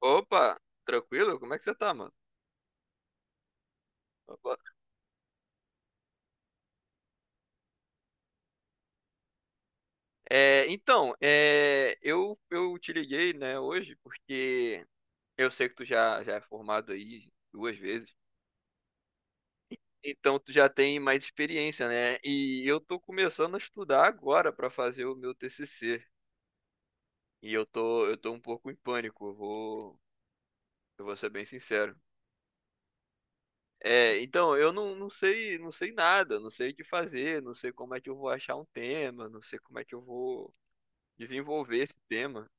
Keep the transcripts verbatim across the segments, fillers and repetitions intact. Opa, tranquilo? Como é que você tá, mano? Opa. É, então, é, eu, eu te liguei, né, hoje, porque eu sei que tu já, já é formado aí duas vezes, então tu já tem mais experiência, né? E eu tô começando a estudar agora pra fazer o meu T C C, e eu tô, eu tô um pouco em pânico, eu vou, eu vou ser bem sincero. É, então, eu não, não sei, não sei nada, não sei o que fazer, não sei como é que eu vou achar um tema, não sei como é que eu vou desenvolver esse tema.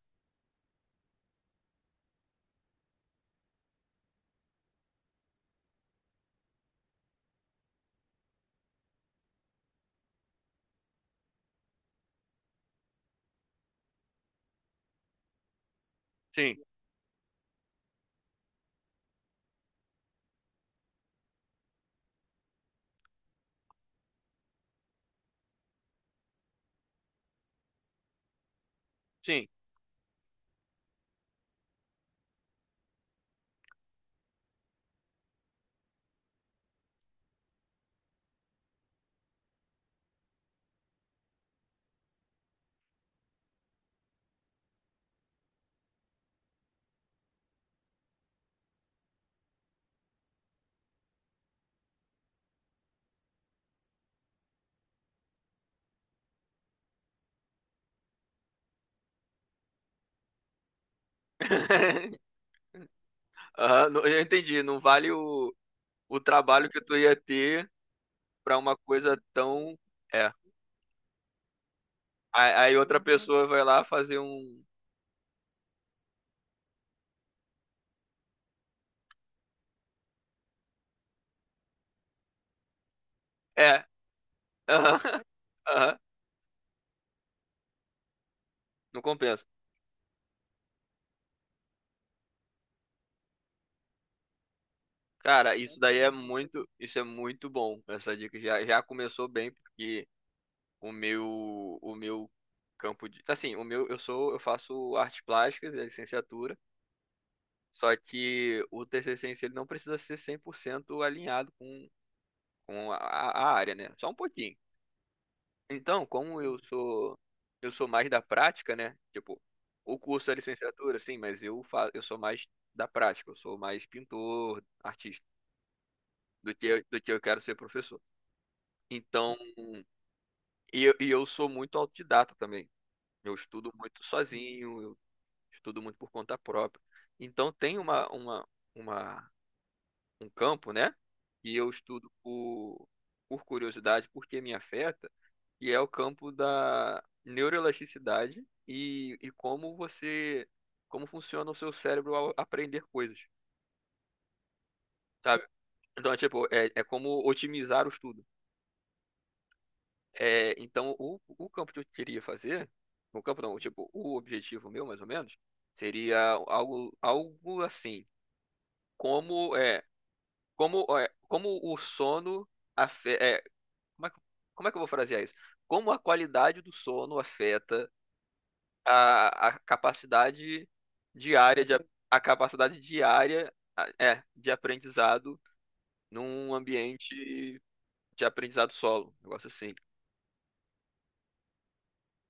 Sim. Sim. Aham, não- eu entendi. Não vale o, o trabalho que tu ia ter pra uma coisa tão. É. Aí, aí outra pessoa vai lá fazer um. É. Aham. Aham. Não compensa. Cara, isso daí é muito. Isso é muito bom. Essa dica já, já começou bem, porque o meu. O meu campo de. Assim, o meu. Eu sou. Eu faço artes plásticas, é licenciatura. Só que o T C C em si, ele não precisa ser cem por cento alinhado com com a, a área, né? Só um pouquinho. Então, como eu sou eu sou mais da prática, né? Tipo, o curso é licenciatura, sim, mas eu fa eu sou mais da prática, eu sou mais pintor, artista, do que eu, do que eu quero ser professor. Então, e eu, e eu sou muito autodidata também. Eu estudo muito sozinho, eu estudo muito por conta própria. Então, tem uma uma uma um campo, né? E eu estudo por por curiosidade, porque me afeta que é o campo da neuroelasticidade e, e como você, como funciona o seu cérebro ao aprender coisas, sabe? Então, é tipo, é, é como otimizar o estudo. É, então, o, o campo que eu queria fazer, o campo não, tipo, o objetivo meu, mais ou menos, seria algo, algo assim, como é, como é, como o sono afeta, como é, que- como é que eu vou frasear isso? Como a qualidade do sono afeta a, a capacidade diária de, a a capacidade diária a- é de aprendizado num ambiente de aprendizado solo, um negócio assim.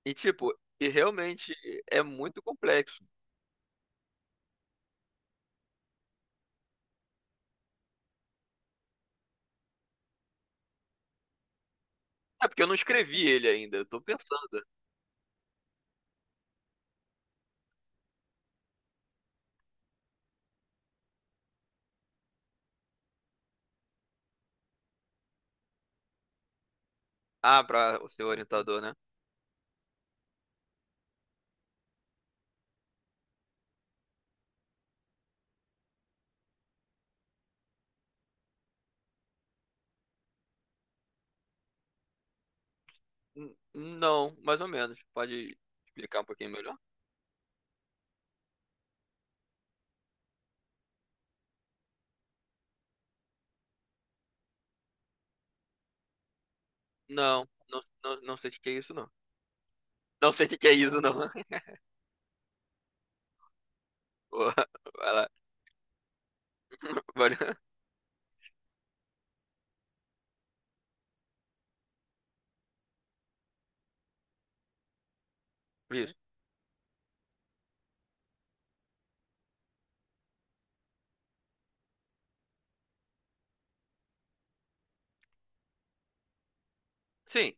E tipo, e realmente é muito complexo. É porque eu não escrevi ele ainda, eu tô pensando. Ah, para o seu orientador, né? N- Não, mais ou menos. Pode explicar um pouquinho melhor? Não, não, não, não sei o que é isso, não. Não sei o que é isso, não. Pô, vai lá. Vai lá. Isso. Sim,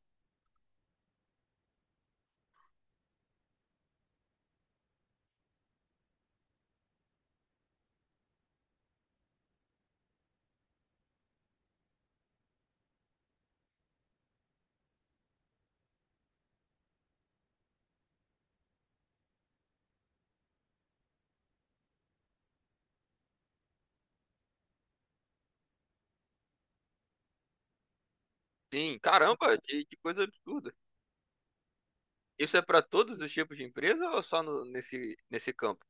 sim, caramba, que que coisa absurda. Isso é para todos os tipos de empresa ou é só no- nesse, nesse campo?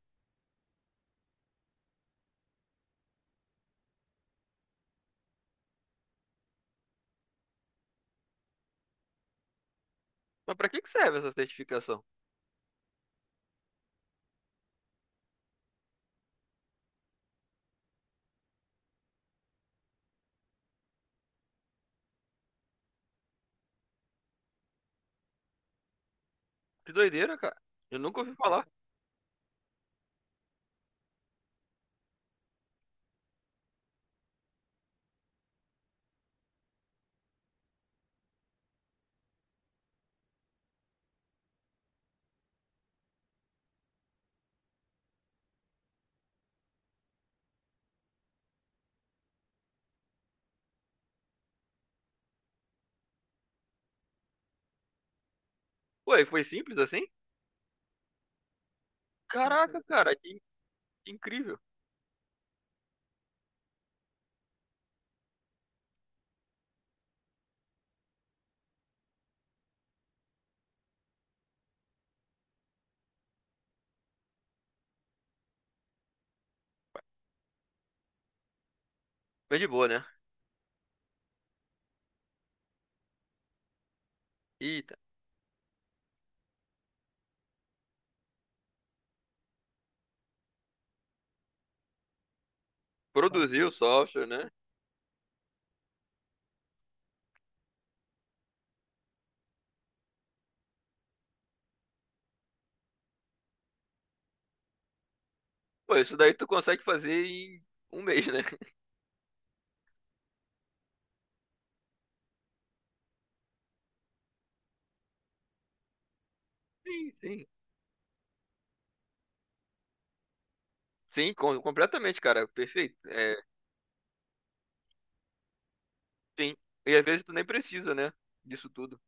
Mas para que que serve essa certificação? Que doideira, cara. Eu nunca ouvi falar. Ué, foi simples assim? Caraca, cara, que in- incrível. Mas de boa, né? Eita, produziu o software, né? Pô, isso daí tu consegue fazer em um mês, né? Sim, sim. Sim, com- completamente, cara. Perfeito. É, sim. E às vezes tu nem precisa, né? Disso tudo.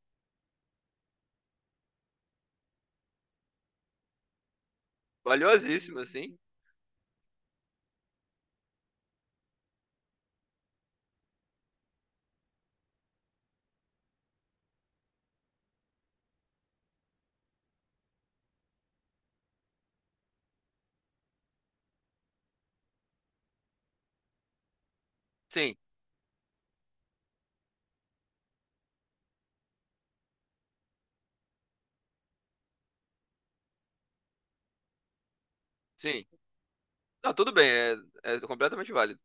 Valiosíssimo, assim. Sim, sim. Não, tudo bem, é, é completamente válido.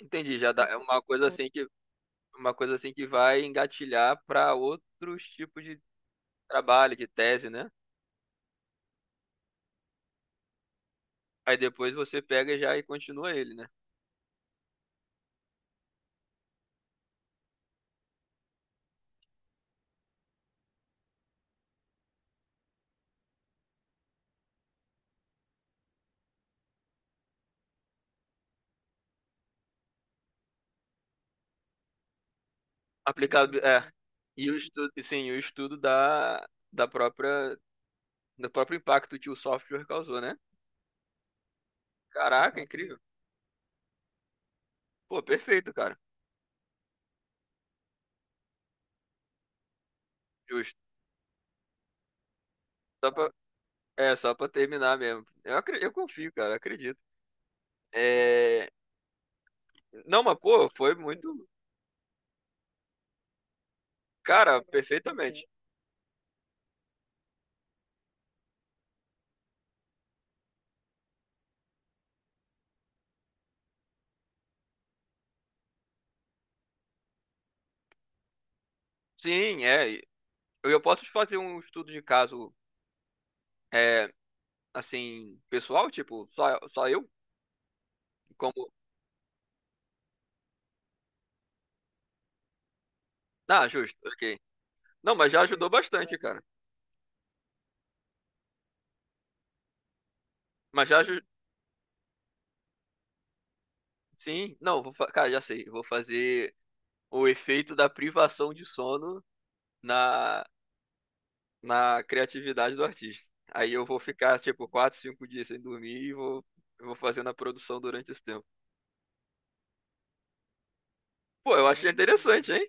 Entendi, já dá, é uma coisa assim que uma coisa assim que vai engatilhar para outros tipos de trabalho, de tese, né? Aí depois você pega já e continua ele, né? Aplicado, é. E o estudo, sim, o estudo da, da própria, do próprio impacto que o software causou, né? Caraca, incrível. Pô, perfeito, cara. Justo. Só pra, é, só pra terminar mesmo. Eu, acre- eu confio, cara, acredito. É. Não, mas pô, foi muito. Cara, perfeitamente. Sim, é. Eu eu posso te fazer um estudo de caso. É, assim, pessoal? Tipo, só, só eu? Como. Ah, justo, ok. Não, mas já ajudou bastante, cara. Mas já. aju- Sim, não, vou, fa- cara, já sei. Vou fazer o efeito da privação de sono na, na criatividade do artista. Aí eu vou ficar, tipo, quatro, cinco dias sem dormir e vou, eu vou fazendo a produção durante esse tempo. Pô, eu achei interessante, hein?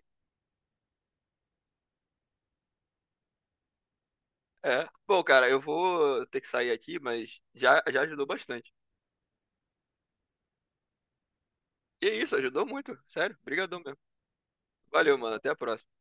É. Bom, cara, eu vou ter que sair aqui, mas já, já ajudou bastante. E é isso, ajudou muito. Sério, brigadão mesmo. Valeu, mano. Até a próxima.